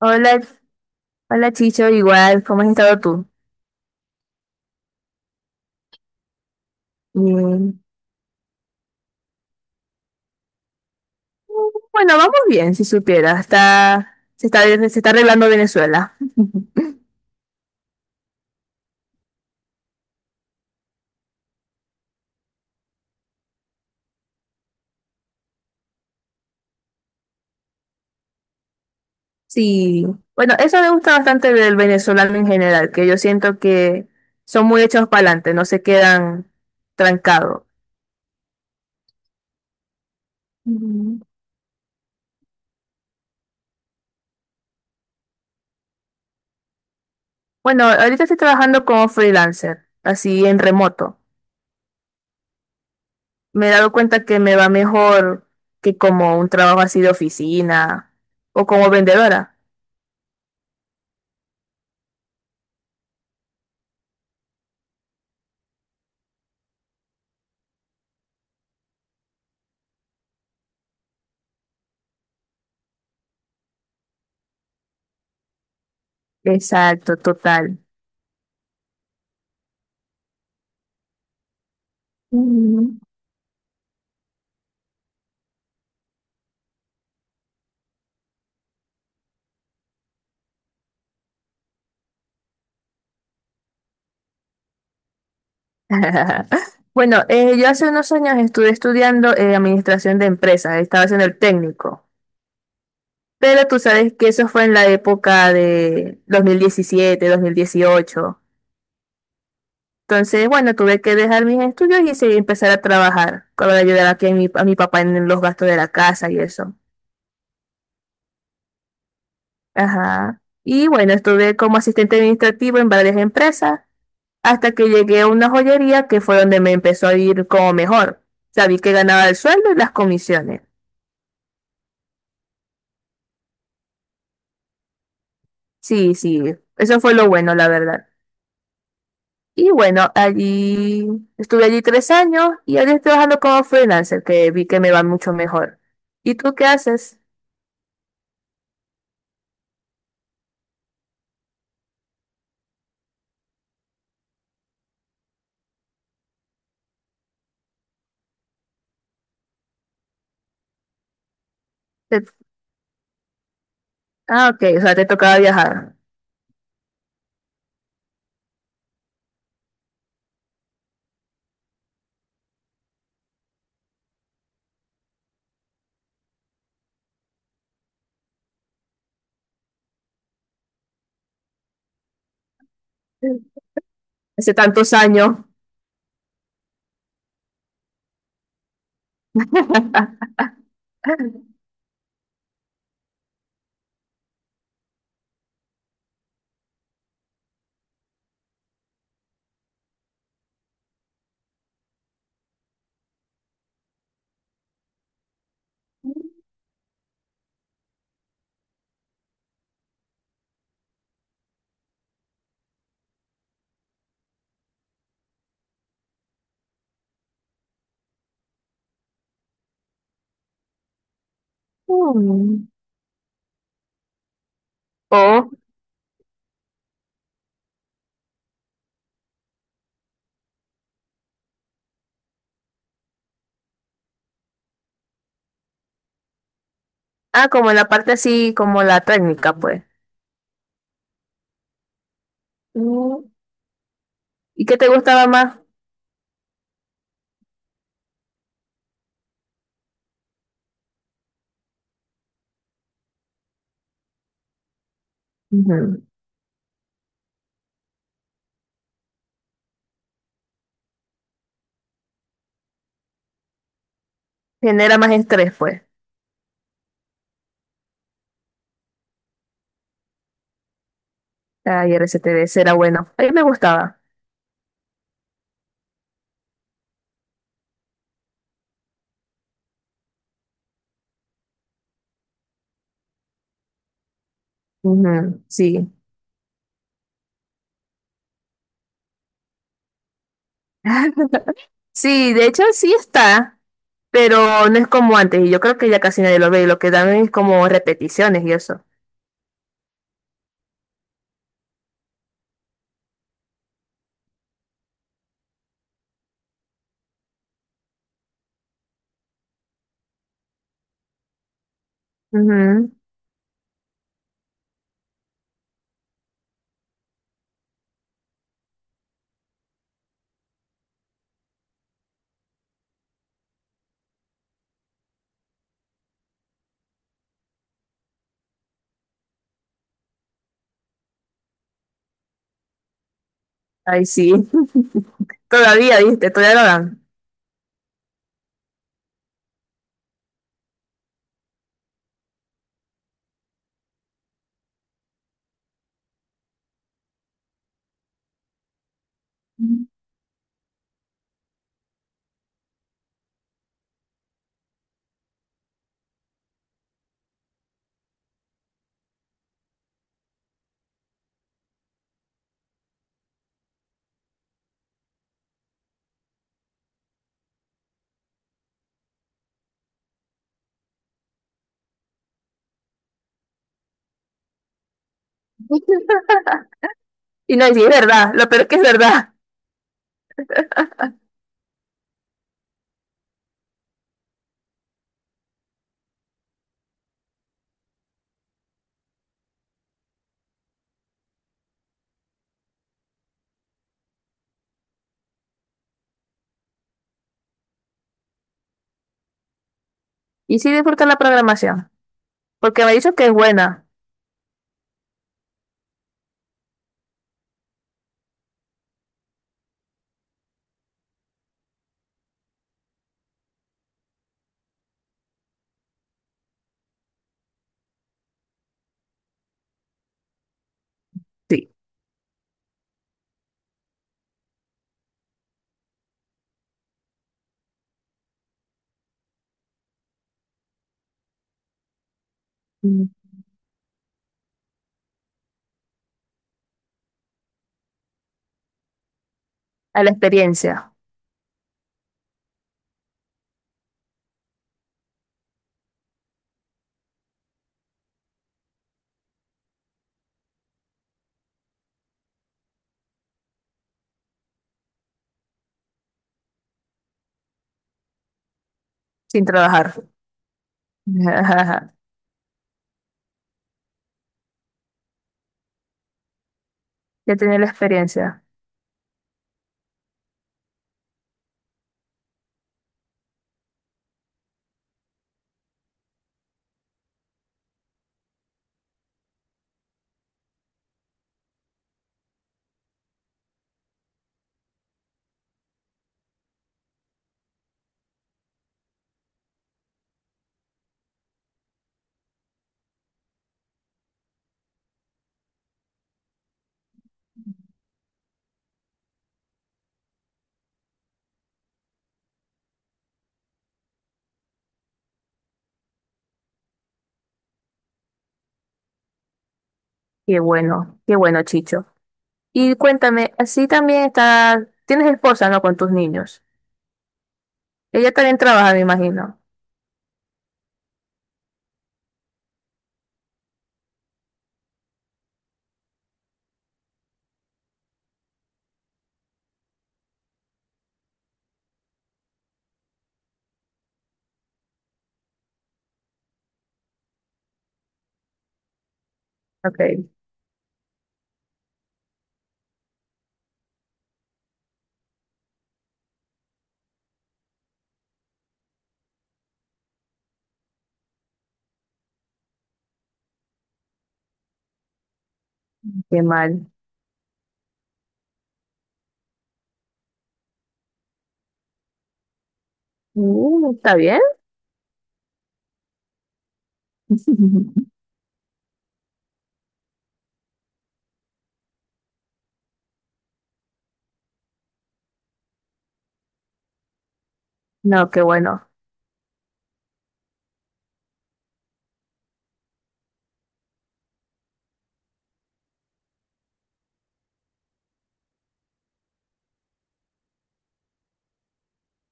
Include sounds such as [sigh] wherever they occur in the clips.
Hola, hola Chicho, igual, ¿cómo has estado tú? Bien. Bueno, vamos bien, si supiera, se está arreglando Venezuela. [laughs] Sí, bueno, eso me gusta bastante del venezolano en general, que yo siento que son muy hechos para adelante, no se quedan trancados. Ujú. Bueno, ahorita estoy trabajando como freelancer, así en remoto. Me he dado cuenta que me va mejor que como un trabajo así de oficina o como vendedora. Exacto, total. Ujú. [laughs] Bueno, yo hace unos años estuve estudiando administración de empresas, estaba haciendo el técnico, pero tú sabes que eso fue en la época de dos mil diecisiete, 2018. Entonces, bueno, tuve que dejar mis estudios y sí, empezar a trabajar con la ayuda aquí a mi papá en los gastos de la casa y eso. Ajá. Y bueno, estuve como asistente administrativo en varias empresas hasta que llegué a una joyería que fue donde me empezó a ir como mejor. Sabí que ganaba el sueldo y las comisiones. Sí, sí, eso fue lo bueno, la verdad. Y bueno, allí estuve allí 3 años y ahora estoy trabajando como freelancer, que vi que me va mucho mejor. ¿Y tú qué haces? Te- Ah, ok, o sea, te tocaba viajar. Hace tantos años. [laughs] Mm. O, ah, como en la parte así, como la técnica, pues. Mm. ¿Y qué te gustaba más? Ujú. Genera más estrés, pues. Ay, RCTV será bueno. A mí me gustaba. Ujú, sí. [laughs] Sí, de hecho sí está, pero no es como antes. Y yo creo que ya casi nadie lo ve. Y lo que dan es como repeticiones y eso. Ujú. Ay, sí. [laughs] Todavía, viste, todavía lo dan. [laughs] Y no, y sí, es verdad. Lo peor es que es verdad. Y sí disfruto la programación. Porque me ha dicho que es buena. Sí. Mm. A la experiencia, sin trabajar. [laughs] Ya tiene la experiencia. Qué bueno, Chicho. Y cuéntame, así también está, tienes esposa, ¿no? Con tus niños. Ella también trabaja, me imagino. Ok, qué mal. Mm, ¿está bien? [laughs] No, qué bueno.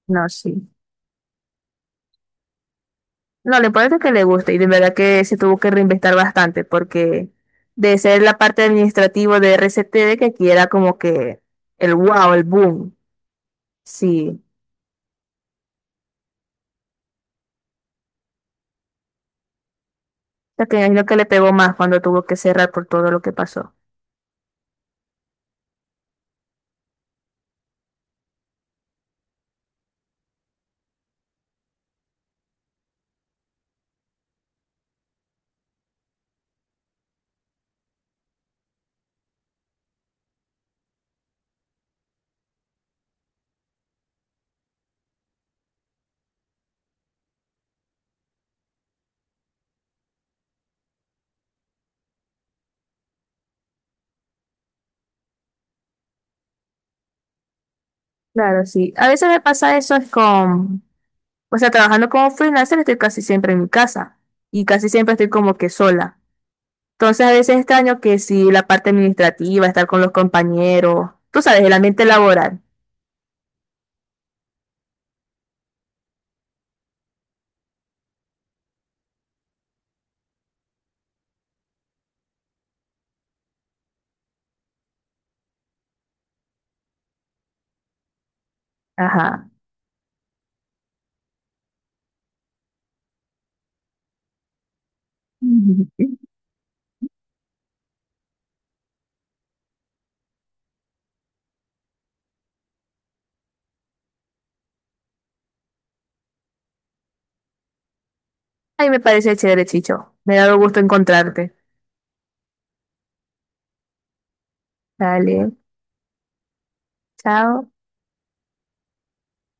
No, sí. No, lo importante es que le guste y de verdad que se tuvo que reinventar bastante porque de ser la parte administrativa de RCTD que aquí era como que el wow, el boom. Sí. O sea, que me imagino que le pegó más cuando tuvo que cerrar por todo lo que pasó. Claro, sí. A veces me pasa eso es con. O sea, trabajando como freelancer estoy casi siempre en mi casa y casi siempre estoy como que sola. Entonces a veces extraño que si la parte administrativa, estar con los compañeros, tú sabes, el ambiente laboral. Ajá. [laughs] Ahí me parece chévere, Chicho. Me ha dado gusto encontrarte. Dale, chao.